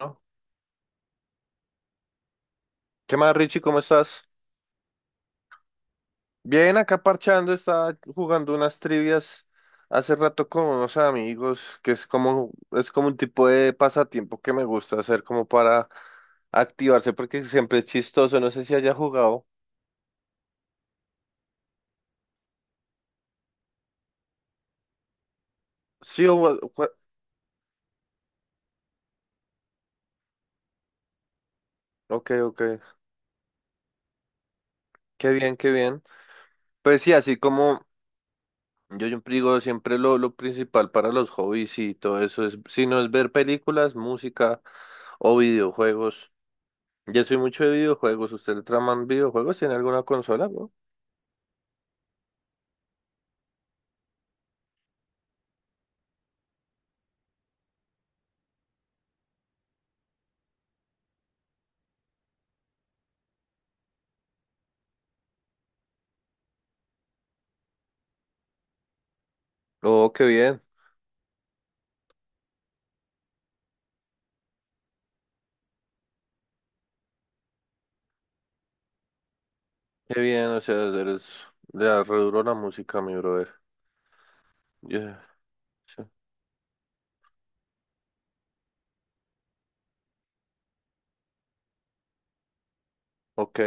¿No? ¿Qué más, Richie? ¿Cómo estás? Bien, acá parchando, estaba jugando unas trivias hace rato con unos amigos, que es como un tipo de pasatiempo que me gusta hacer como para activarse, porque siempre es chistoso, no sé si haya jugado. Sí, o, ok, ok, qué bien, qué bien. Pues sí, así como yo siempre digo, siempre lo principal para los hobbies y todo eso es, si no es ver películas, música o videojuegos. Yo soy mucho de videojuegos. ¿Usted traman videojuegos? ¿Tiene alguna consola, bro? Oh, qué bien. Qué bien, o sea, eres... Le re duro la música, mi brother. Yeah, sí. Ok.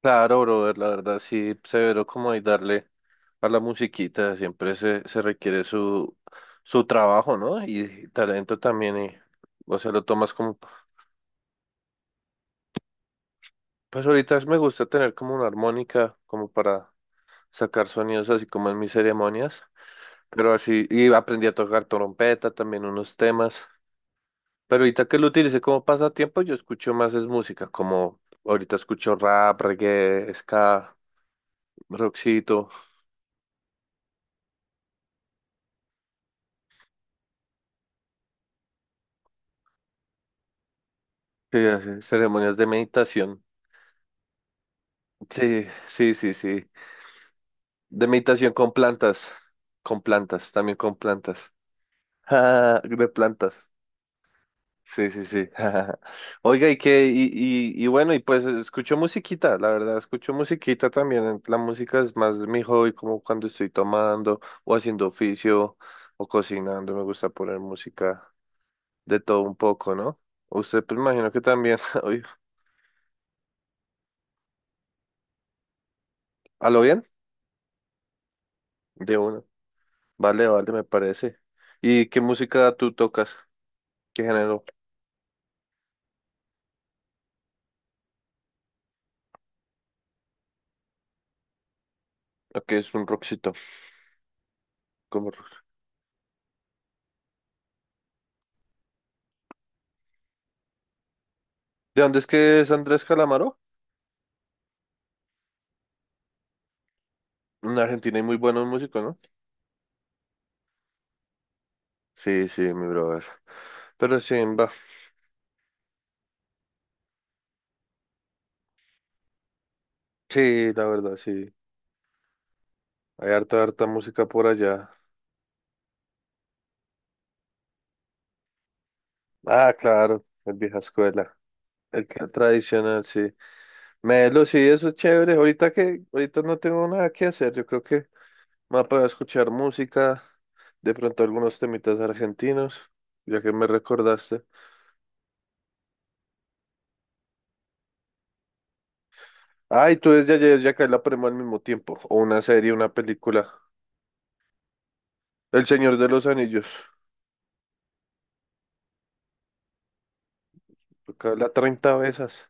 Claro, brother, la verdad sí, severo como hay darle a la musiquita. Siempre se requiere su, su trabajo, ¿no? Y talento también. Y, o sea, lo tomas como... Pues ahorita me gusta tener como una armónica como para sacar sonidos así como en mis ceremonias. Pero así, y aprendí a tocar trompeta, también unos temas. Pero ahorita que lo utilicé como pasatiempo, yo escucho más es música, como ahorita escucho rap, reggae, ska, rockcito, ceremonias de meditación. Sí, sí, sí, sí. De meditación con plantas, también con plantas. Ah, de plantas. Sí, sí, sí. Oiga, y que, y bueno, y pues escucho musiquita, la verdad, escucho musiquita también. La música es más mi hobby, como cuando estoy tomando o haciendo oficio o cocinando, me gusta poner música de todo un poco, ¿no? Usted, pues imagino que también, oye, ¿a lo bien? De uno. Vale, vale, me parece. ¿Y qué música tú tocas? ¿Qué género? ¿Qué es un rockcito? Como rock. ¿De dónde es que es Andrés Calamaro? En Argentina hay muy buenos músicos, ¿no? Sí, sí, mi brother. Pero sí, va. Sí, la verdad, sí. Hay harta, harta música por allá. Ah, claro, el vieja escuela. El tradicional, sí. Melo, sí, eso es chévere. Ahorita que, ahorita no tengo nada que hacer. Yo creo que me voy a poner escuchar música. De pronto algunos temitas argentinos, ya que me recordaste. Ay, tú desde ayer ya cae la prema al mismo tiempo. O una serie, una película. El Señor de los Anillos. Toca la 30 veces.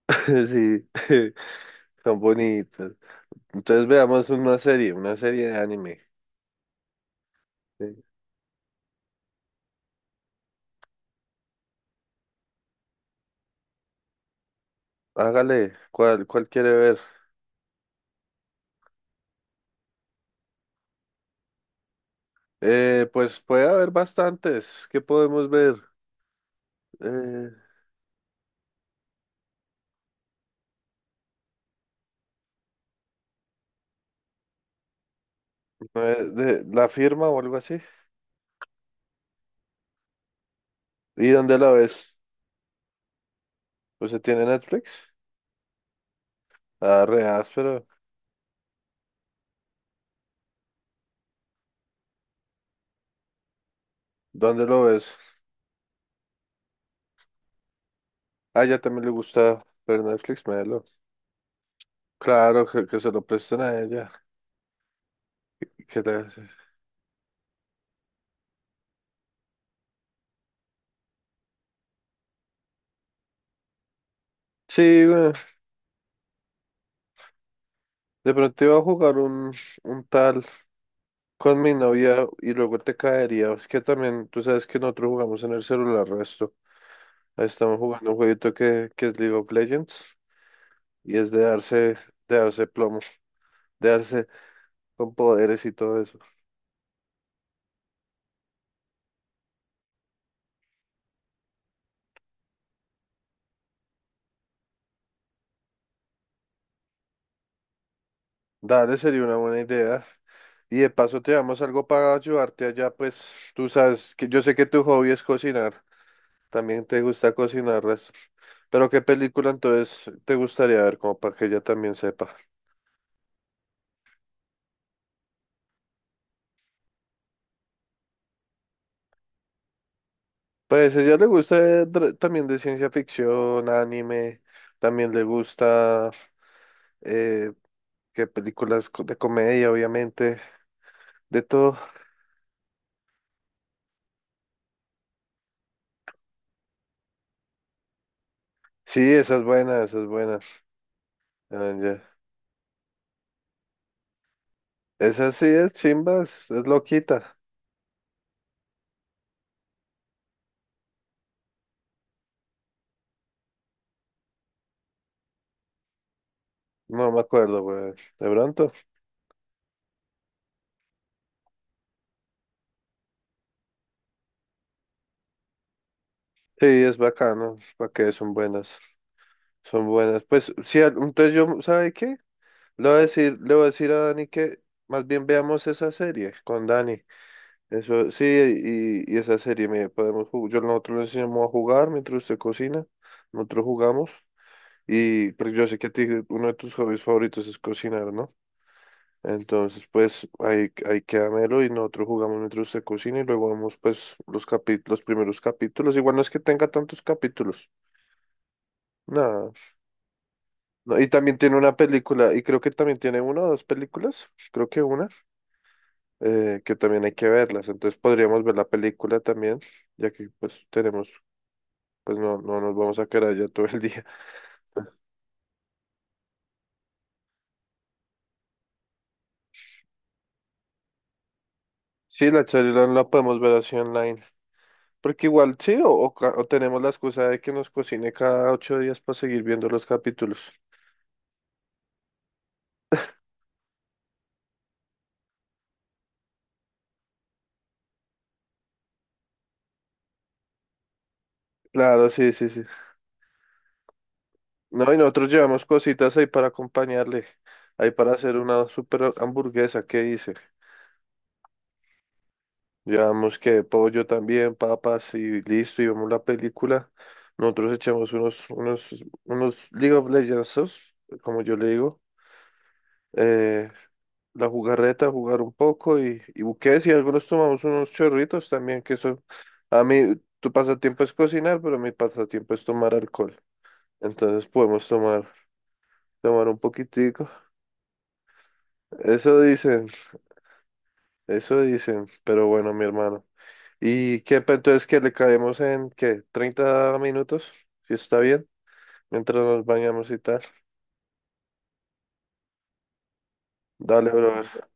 Sí. Son bonitas. Entonces veamos una serie de anime. Sí. Hágale, ¿cuál, cuál quiere ver? Pues puede haber bastantes. ¿Qué podemos ver? Eh, de, la firma o algo así. ¿Y dónde la ves? ¿Pues se tiene Netflix? Ah, re áspero. ¿Dónde lo ves? Ah, ella también le gusta ver Netflix, melo. Claro, que se lo presten a ella. Que le- Sí, bueno, de pronto iba a jugar un tal con mi novia y luego te caería. Es que también, tú sabes que nosotros jugamos en el celular resto. Estamos jugando un jueguito que es League of Legends y es de darse plomo, de darse con poderes y todo eso. Dale, sería una buena idea. Y de paso te damos algo para ayudarte allá, pues tú sabes que yo sé que tu hobby es cocinar. También te gusta cocinar resto. Pero ¿qué película entonces te gustaría ver como para que ella también sepa? Pues a ella le gusta también de ciencia ficción, anime, también le gusta eh, que películas de comedia, obviamente, de todo. Sí, esa es buena, esa es buena. Ah, ya. Esa sí es chimbas, es loquita. No me acuerdo, güey. De pronto. Sí, es bacano, para que son buenas, son buenas. Pues sí, entonces yo, ¿sabe qué? Le voy a decir, le voy a decir a Dani que más bien veamos esa serie con Dani. Eso, sí, y esa serie me podemos jugar. Yo nosotros le enseñamos a jugar mientras usted cocina, nosotros jugamos. Y pero yo sé que a ti uno de tus hobbies favoritos es cocinar, ¿no? Entonces, pues ahí, ahí queda Melo y nosotros jugamos mientras usted cocina y luego vemos pues los capítulos, los primeros capítulos. Igual no es que tenga tantos capítulos. Nada. No, y también tiene una película, y creo que también tiene una o dos películas, creo que una, que también hay que verlas. Entonces podríamos ver la película también, ya que pues tenemos pues no, no nos vamos a quedar allá todo el día. Sí, la charla la podemos ver así online. Porque igual sí, o o tenemos la excusa de que nos cocine cada 8 días para seguir viendo los capítulos. Claro, sí, sí, sí. No, y nosotros llevamos cositas ahí para acompañarle. Ahí para hacer una super hamburguesa, ¿qué dice? Llevamos que pollo también, papas y listo, y vemos la película. Nosotros echamos unos League of Legends, como yo le digo. Eh, la jugarreta, jugar un poco y buques y algunos tomamos unos chorritos también, que eso, a mí, tu pasatiempo es cocinar, pero mi pasatiempo es tomar alcohol. Entonces podemos tomar, tomar un poquitico. Eso dicen, eso dicen, pero bueno, mi hermano. ¿Y qué, entonces que le caemos en, qué, 30 minutos? Si está bien, mientras nos bañamos y tal. Dale, brother.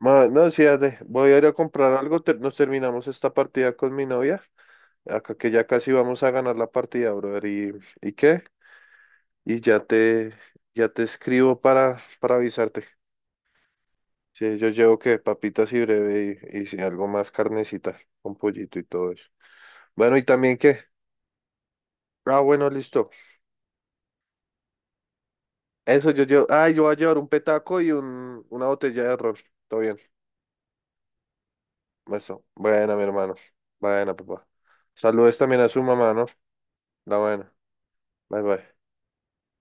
No, sí, dale. Voy a ir a comprar algo, nos terminamos esta partida con mi novia. Acá que ya casi vamos a ganar la partida, brother. Y qué? Y ya te escribo para avisarte. Sí, yo llevo que papitas y breve y si algo más carnecita con pollito y todo eso. Bueno, ¿y también qué? Ah, bueno, listo. Eso yo llevo. Ah, yo voy a llevar un petaco y un, una botella de ron. Todo bien. Eso. Buena, mi hermano. Buena, papá. Saludos también a su mamá, ¿no? La buena. Bye, bye.